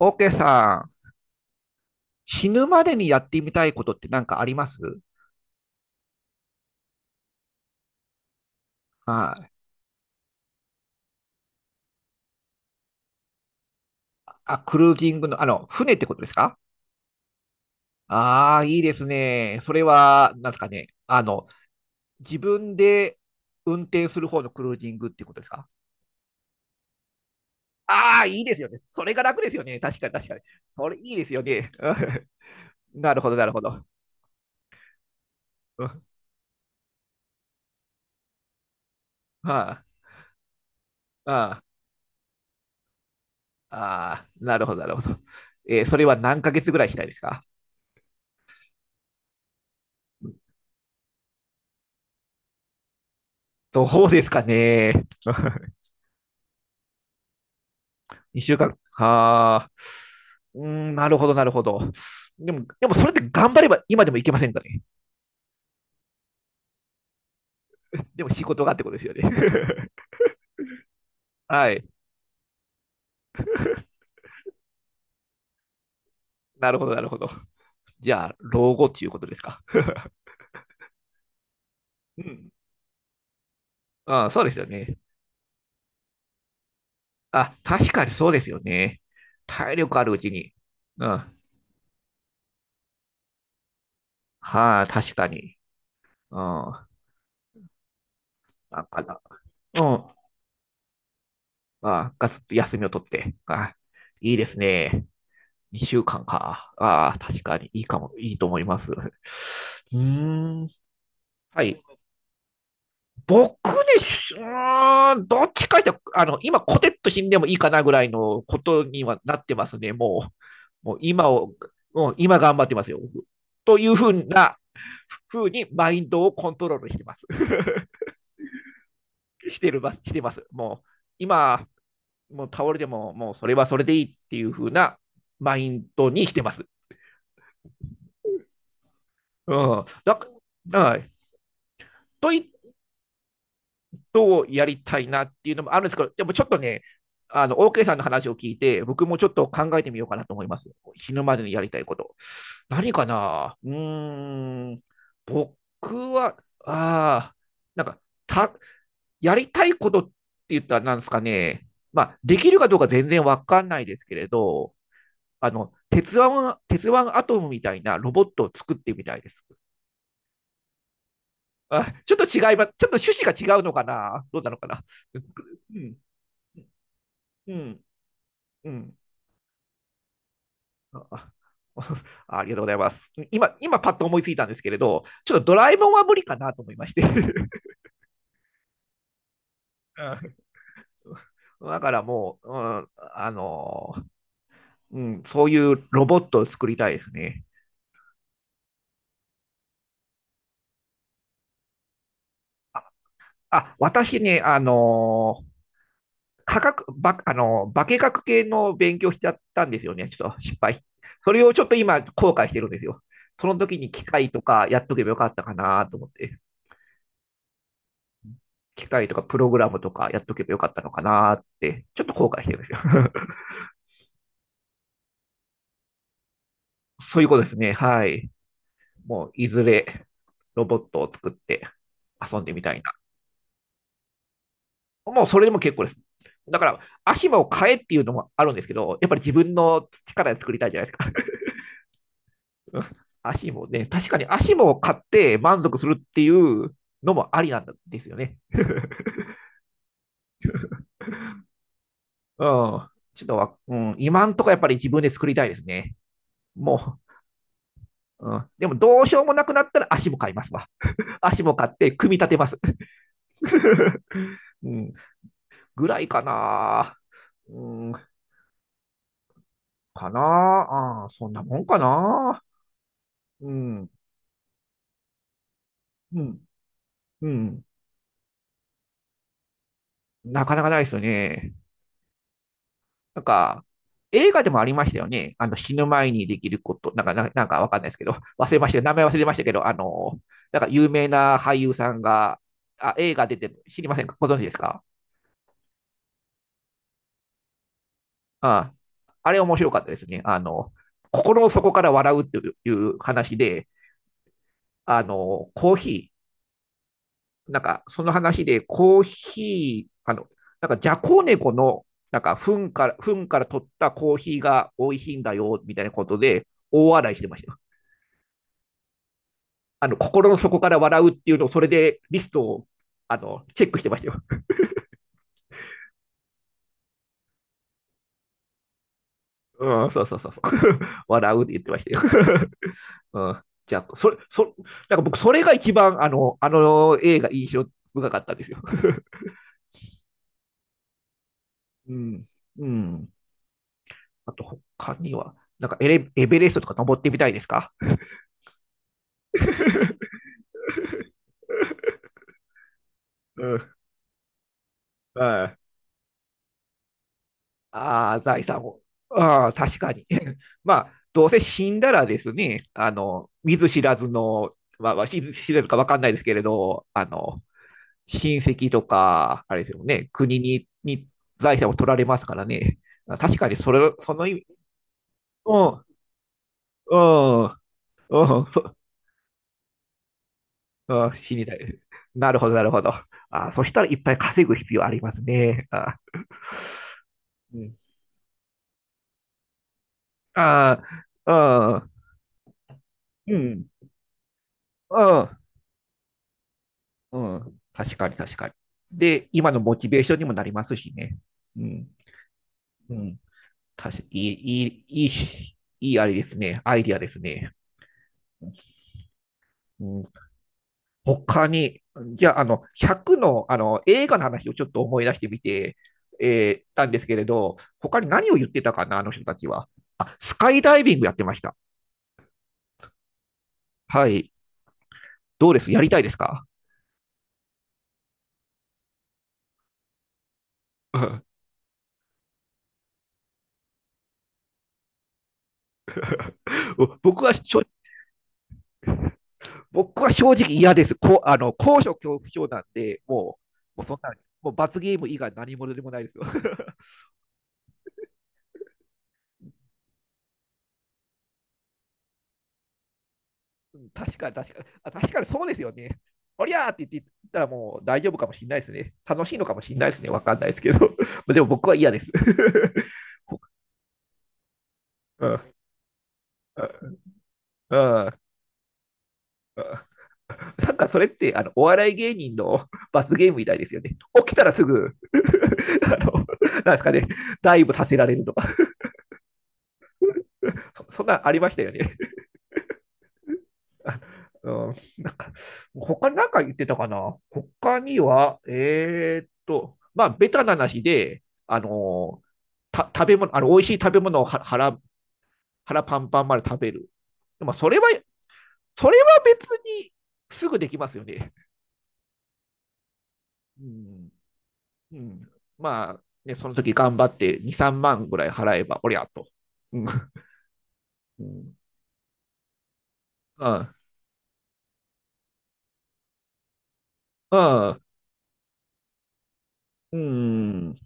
オーケーさん、死ぬまでにやってみたいことって何かありますはい。あ、クルージングの、船ってことですか？ああー、いいですね。それは、なんですかね。自分で運転する方のクルージングっていうことですか？ああー、いいですよね。それが楽ですよね。確かに、確かに。それいいですよね。うん。なるほど、なるほど。うん。はい。ああ、ああ、なるほど、なるほど。それは何ヶ月ぐらいしたいですか？どうですかね。2週間。はあ。うーん、なるほど、なるほど。でもそれって頑張れば今でもいけませんかね。でも仕事がってことですよね。はい。なるほど、なるほど。じゃあ、老後っていうことですか。うん。ああ、そうですよね。あ、確かにそうですよね。体力あるうちに。うん。はあ、確かに。うん。なんかな。うん。ああ、がっつり休みを取って。ああ、いいですね。2週間か。ああ、確かにいいかも、いいと思います。うーん。はい。僕でし、どっちかって、今、コテッと死んでもいいかなぐらいのことにはなってますね。もう今を、もう今頑張ってますよ、僕。というふうな、ふうにマインドをコントロールしてます。してます。もう、今、もう倒れても、もうそれはそれでいいっていうふうなマインドにしてます。うん。はい。と言っとやりたいなっていうのもあるんですけど、でもちょっとね、OK さんの話を聞いて、僕もちょっと考えてみようかなと思います。死ぬまでにやりたいこと。何かな。うーん、僕は、ああ、なんか、た、やりたいことって言ったらなんですかね、まあ、できるかどうか全然わかんないですけれど、あの、鉄腕、鉄腕アトムみたいなロボットを作ってみたいです。あ、ちょっと違います。ちょっと趣旨が違うのかな、どうなのかな。うん、うん、うん。あ、あ。 ありがとうございます。今パッと思いついたんですけれど、ちょっとドラえもんは無理かなと思いまして。うん。だからもう、うん、あの、うん、そういうロボットを作りたいですね。あ、あ、私ね、科学、ば、あの、化学系の勉強しちゃったんですよね。ちょっと失敗し。それをちょっと今後悔してるんですよ。その時に機械とかやっとけばよかったかなと思って。機械とかプログラムとかやっとけばよかったのかなって、ちょっと後悔してるんですよ。そういうことですね。はい。もう、いずれロボットを作って遊んでみたいな。もう、それでも結構です。だから、足も買えっていうのもあるんですけど、やっぱり自分の力で作りたいじゃないですか。足もね、確かに足も買って満足するっていうのもありなんですよね。うん。ちょっと、うん、今んとこやっぱり自分で作りたいですね。もう、うん、でもどうしようもなくなったら足も買いますわ。足も買って組み立てます。うん、ぐらいかな。うん、かな。あ、そんなもんかな。うん、うん、うん。なかなかないですよね。なんか、映画でもありましたよね。あの、死ぬ前にできること、なんか、なんかわかんないですけど、忘れました。名前忘れましたけど、あの、なんか有名な俳優さんが、あ、映画出てる、知りませんか、ご存知ですか？ああ、れ面白かったですね。あの、心の底から笑うっていう話で、あの、コーヒー、なんか、その話で、コーヒー、あの、なんか、ジャコネコの、なんか、糞から取ったコーヒーが美味しいんだよ、みたいなことで、大笑いしてましたよ。あの、心の底から笑うっていうのを、それでリストを、あの、チェックしてましたよ。うん、そうそうそうそう。笑うって言ってましたよ。うん。じゃあ、それ、そ、なんか僕、それが一番、あの映画印象深かったんですよ。うん。うん。あと他には、なんかエベレストとか登ってみたいですか？ うん。はい。ああ、財産を。ああ、確かに。まあ、どうせ死んだらですね、あの、見ず知らずの、まあ、知らずかわかんないですけれど、あの、親戚とか、あれですよね、に財産を取られますからね。確かに、それ、その意味、うん、うん、うん、うん、死にたい。なるほど、なるほど。あ、そしたらいっぱい稼ぐ必要ありますね。あ、うん。ああ、うん、うん、うん、うん。確かに、確かに。で、今のモチベーションにもなりますしね。うん、うん。確かいい、いい、いいし、いい、あれですね。アイディアですね。うん、他に、じゃあ、あの、100の、あの、映画の話をちょっと思い出してみて、たんですけれど、他に何を言ってたかな、あの人たちは。あ、スカイダイビングやってました。はい。どうです、やりたいですか？ 僕は正僕は正直嫌です。こ、あの、高所恐怖症なんで、もう、もうそんな、もう罰ゲーム以外何者でもないですよ。確かに、確かに、あ、確かにそうですよね。おりゃーって言ったらもう大丈夫かもしれないですね。楽しいのかもしれないですね。わかんないですけど。でも僕は嫌です。うん、うん、うん。なんかそれってあのお笑い芸人の罰ゲームみたいですよね。起きたらすぐ。 あの、なんですかね、ダイブさせられるとか、そ、そんなんありましたよね。うん、なんか、他なんか言ってたかな、他には、まあ、ベタな話で、あの、食べ物、あの、美味しい食べ物を、は腹、腹パンパンまで食べる。でも、それは、それは別にすぐできますよね。うん。うん。まあ、ね、その時頑張って2、3万ぐらい払えば、おりゃと。うん。うん。うん。うん。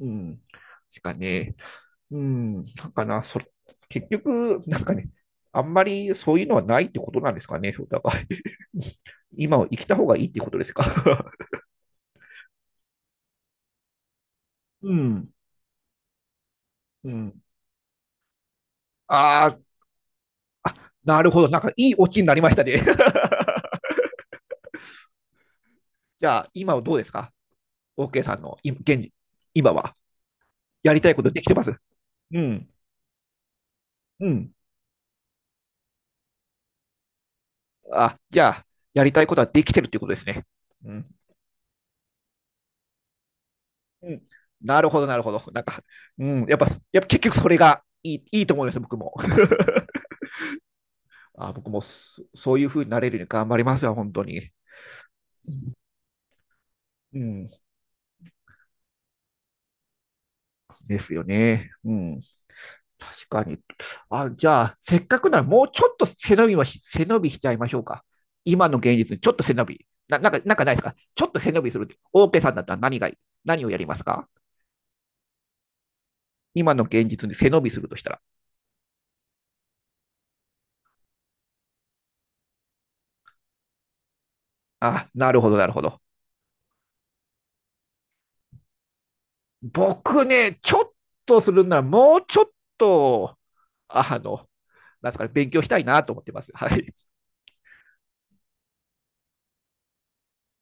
うん。しかね。うん、なんかな、それ、結局、なんかね、あんまりそういうのはないってことなんですかね、お互い。今を生きた方がいいってことですか。うん、うん。あー、あ、なるほど、なんかいいオチになりましたね。じゃあ、今はどうですか？ OK さんの今現時今は。やりたいことできてますうん、うん。あ、じゃあ、やりたいことはできてるっていうことですね。うん、うん。なるほど、なるほど。なんか、うん、やっぱ結局それがいいと思います、僕も。あ、僕もそういう風になれるように頑張りますよ、本当に。うん、ですよね。うん、確かに。あ、じゃあ、せっかくならもうちょっと背伸びしちゃいましょうか。今の現実にちょっと背伸び。なんか、なんかないですか、ちょっと背伸びする。オーケーさんだったら何がいい、何をやりますか、今の現実に背伸びするとしたら。あ、なるほど、なるほど。僕ね、ちょっとするならもうちょっと、あの、なんですかね、勉強したいなと思ってます。はい。